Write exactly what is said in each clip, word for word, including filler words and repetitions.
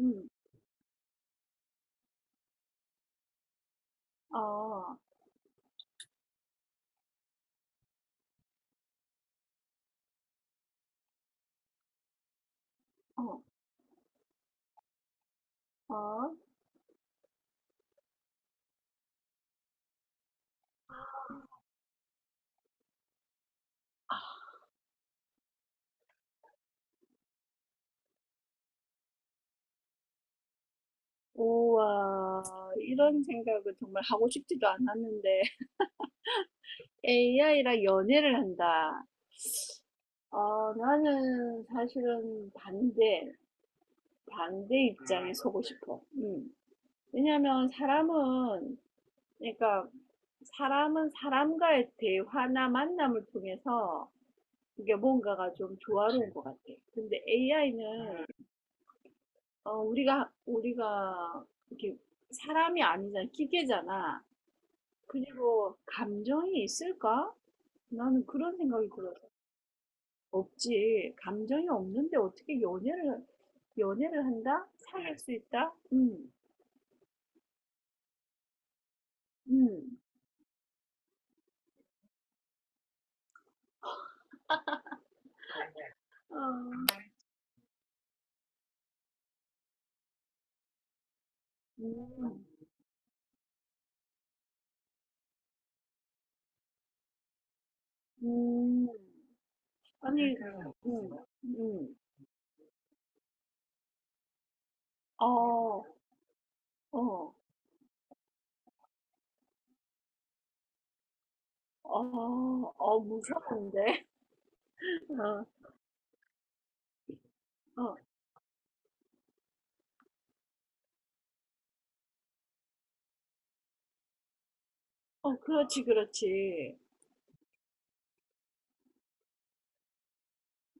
음, 아, 어, 아, 우와, 이런 생각을 정말 하고 싶지도 않았는데, 에이아이랑 연애를 한다. 어, 나는 사실은 반대, 반대 입장에 서고 싶어. 음, 왜냐면 사람은, 그러니까 사람은 사람과의 대화나 만남을 통해서 그게 뭔가가 좀 조화로운 것 같아. 근데 에이아이는 어, 우리가, 우리가, 이렇게, 사람이 아니잖아. 기계잖아. 그리고, 감정이 있을까? 나는 그런 생각이 들어서. 없지. 감정이 없는데 어떻게 연애를, 연애를 한다? 사귈 수 있다? 음, 음, 어, 음, 음. 아니, 음, 음. 어, 어, 어, 어, 무서운데? 어, 어, 어, 그렇지, 그렇지.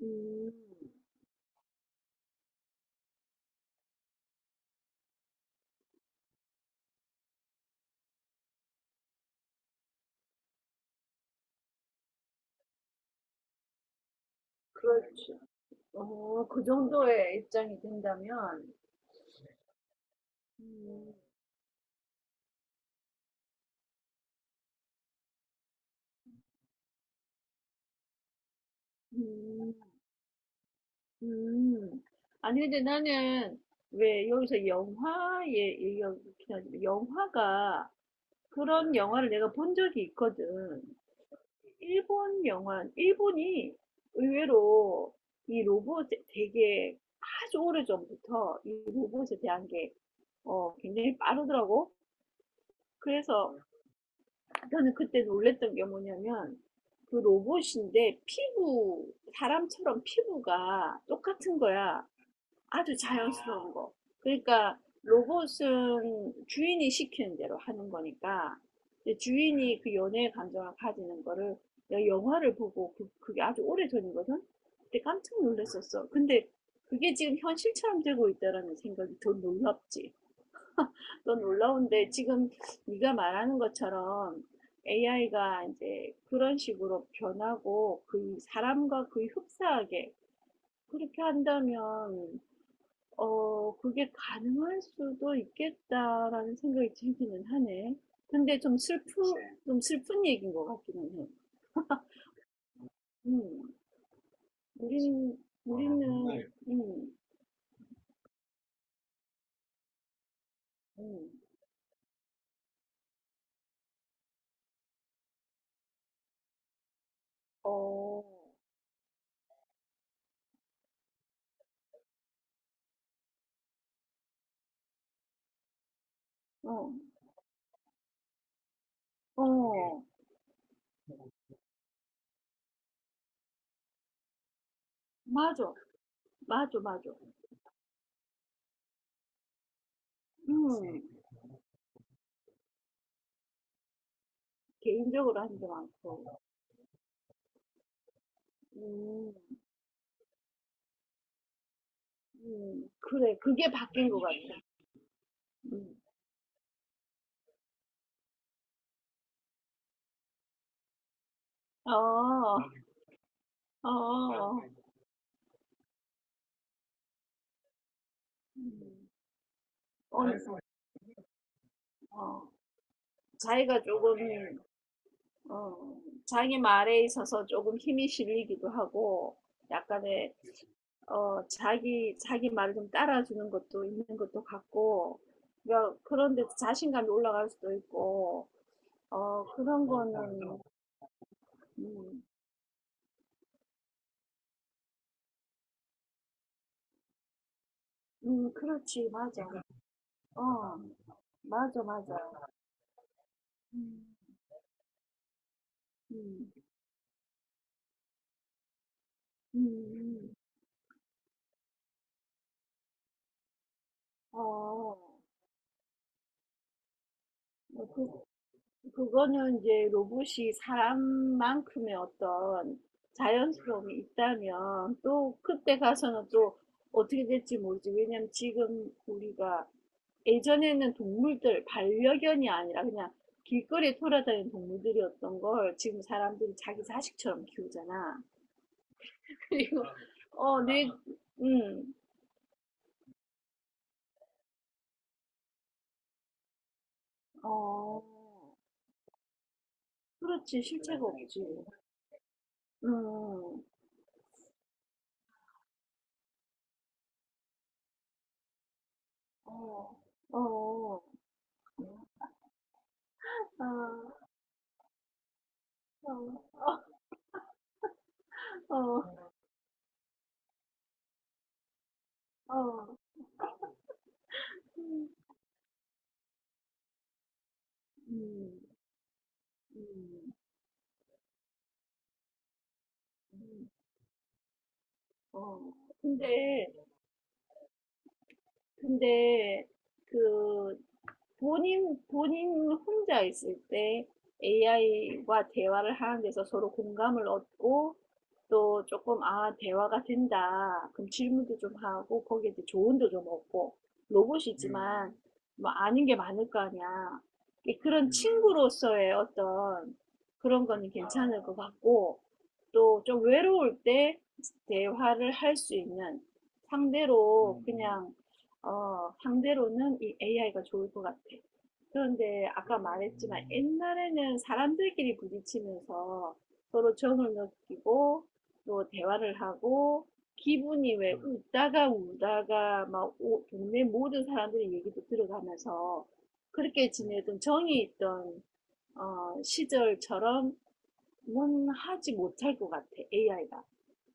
음, 그렇지. 어, 그 정도의 입장이 된다면, 음, 음, 음. 아니, 근데 나는 왜 여기서 영화에 얘기하긴 하지만, 영화가, 그런 영화를 내가 본 적이 있거든. 일본 영화, 일본이 의외로 이 로봇 되게 아주 오래전부터 이 로봇에 대한 게 어, 굉장히 빠르더라고. 그래서 저는 그때 놀랬던 게 뭐냐면 그 로봇인데 피부, 사람처럼 피부가 똑같은 거야. 아주 자연스러운 거. 그러니까 로봇은 주인이 시키는 대로 하는 거니까 이제 주인이 그 연애의 감정을 가지는 거를 내가 영화를 보고 그, 그게 아주 오래전이거든? 그때 깜짝 놀랐었어. 근데 그게 지금 현실처럼 되고 있다라는 생각이 더 놀랍지. 또 놀라운데 지금 네가 말하는 것처럼 에이아이가 이제 그런 식으로 변하고 그 사람과 거의 흡사하게 그렇게 한다면 어 그게 가능할 수도 있겠다라는 생각이 들기는 하네. 근데 좀 슬프 좀 슬픈 얘기인 것 같기는 해. 음, 우리는 우리는 음, 음, 어, 어, 어, 맞아, 맞아, 맞아. 음. 개인적으로 한 게 많고. 음, 음, 그래. 그게 바뀐 것 같아. 음. 어, 어, 음, 어느 어. 자기가 조금, 어, 자기 말에 있어서 조금 힘이 실리기도 하고, 약간의, 어, 자기, 자기 말을 좀 따라주는 것도 있는 것도 같고, 그러니까 그런데 자신감이 올라갈 수도 있고, 어, 그런 거는, 음, 음, 그렇지, 맞아. 어, 맞아, 맞아. 음. 음. 음. 어, 뭐 그, 그거는 이제 로봇이 사람만큼의 어떤 자연스러움이 있다면 또 그때 가서는 또 어떻게 될지 모르지. 왜냐면 지금 우리가 예전에는 동물들, 반려견이 아니라 그냥 길거리에 돌아다니는 동물들이었던 걸 지금 사람들이 자기 자식처럼 키우잖아. 그리고, 어, 내, 음, 어, 그렇지, 실체가 없지. 음. 어. 어어. 아. 어. 어. 어. 어. 음. 음. 음. 음. 어. 근데 근데 그 본인, 본인 혼자 있을 때 에이아이와 대화를 하는 데서 서로 공감을 얻고 또 조금, 아, 대화가 된다. 그럼 질문도 좀 하고 거기에 대해 조언도 좀 얻고 음, 로봇이지만 뭐 아는 게 많을 거 아니야. 이게 그런 음, 친구로서의 어떤 그런 거는 괜찮을 아, 것 같고 또 좀 외로울 때 대화를 할 수 있는 상대로 음, 그냥 어, 상대로는 이 에이아이가 좋을 것 같아. 그런데 아까 말했지만 옛날에는 사람들끼리 부딪히면서 서로 정을 느끼고 또 대화를 하고 기분이 왜 웃다가 울다가 막 오- 동네 모든 사람들의 얘기도 들어가면서 그렇게 지내던 정이 있던 어, 시절처럼은 하지 못할 것 같아, 에이아이가.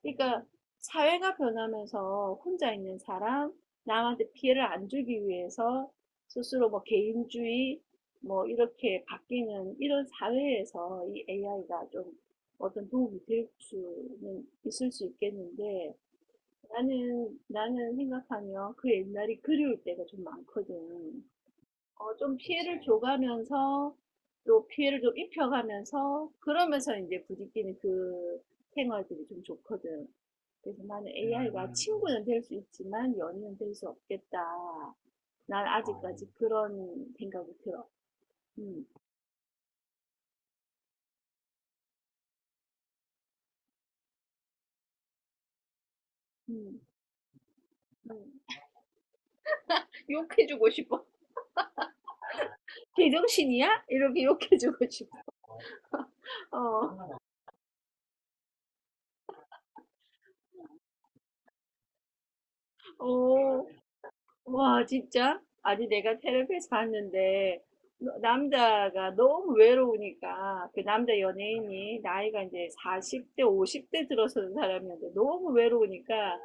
그러니까 사회가 변하면서 혼자 있는 사람, 남한테 피해를 안 주기 위해서 스스로 뭐 개인주의, 뭐 이렇게 바뀌는 이런 사회에서 이 에이아이가 좀 어떤 도움이 될 수는 있을 수 있겠는데 나는, 나는 생각하면 그 옛날이 그리울 때가 좀 많거든. 어, 좀 피해를 줘가면서 또 피해를 좀 입혀가면서 그러면서 이제 부딪히는 그 생활들이 좀 좋거든. 그래서 나는 에이아이가 음, 친구는 될 수 있지만 연인은 될 수 없겠다. 난 어, 아직까지 그런 생각이 들어. 음, 음, 음. 욕해주고 싶어. 개정신이야? 이렇게 욕해주고 싶어. 어, 어. 와, 진짜? 아니, 내가 테레비에서 봤는데, 너- 남자가 너무 외로우니까, 그 남자 연예인이 나이가 이제 사십 대, 오십 대 들어서는 사람이었는데, 너무 외로우니까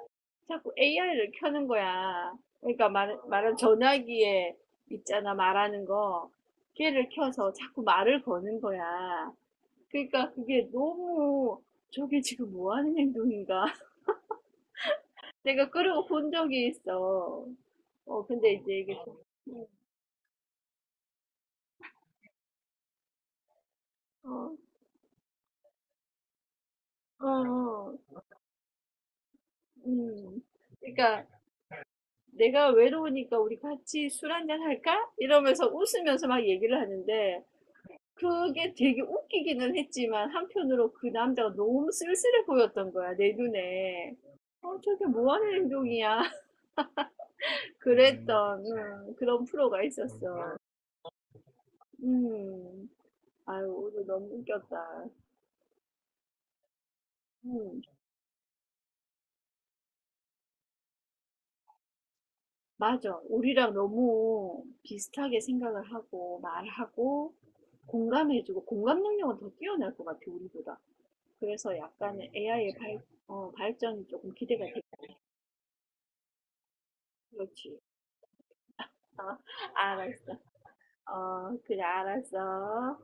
자꾸 에이아이를 켜는 거야. 그러니까 말, 말한 전화기에 있잖아, 말하는 거. 걔를 켜서 자꾸 말을 거는 거야. 그러니까 그게 너무, 저게 지금 뭐 하는 행동인가? 내가 끌어본 적이 있어. 어, 근데 이제 이게, 어, 어, 어, 음. 그러니까 내가 외로우니까 우리 같이 술 한잔 할까? 이러면서 웃으면서 막 얘기를 하는데 그게 되게 웃기기는 했지만 한편으로 그 남자가 너무 쓸쓸해 보였던 거야, 내 눈에. 어, 저게 뭐 하는 행동이야? 그랬던 음, 그런 프로가 있었어. 음. 아유, 오늘 너무 웃겼다. 음, 맞아. 우리랑 너무 비슷하게 생각을 하고 말하고 공감해주고 공감 능력은 더 뛰어날 것 같아 우리보다. 그래서 약간은 에이아이의 발, 어, 발전이 조금 기대가 돼. 그렇지. 어, 알았어. 어, 그래 알았어.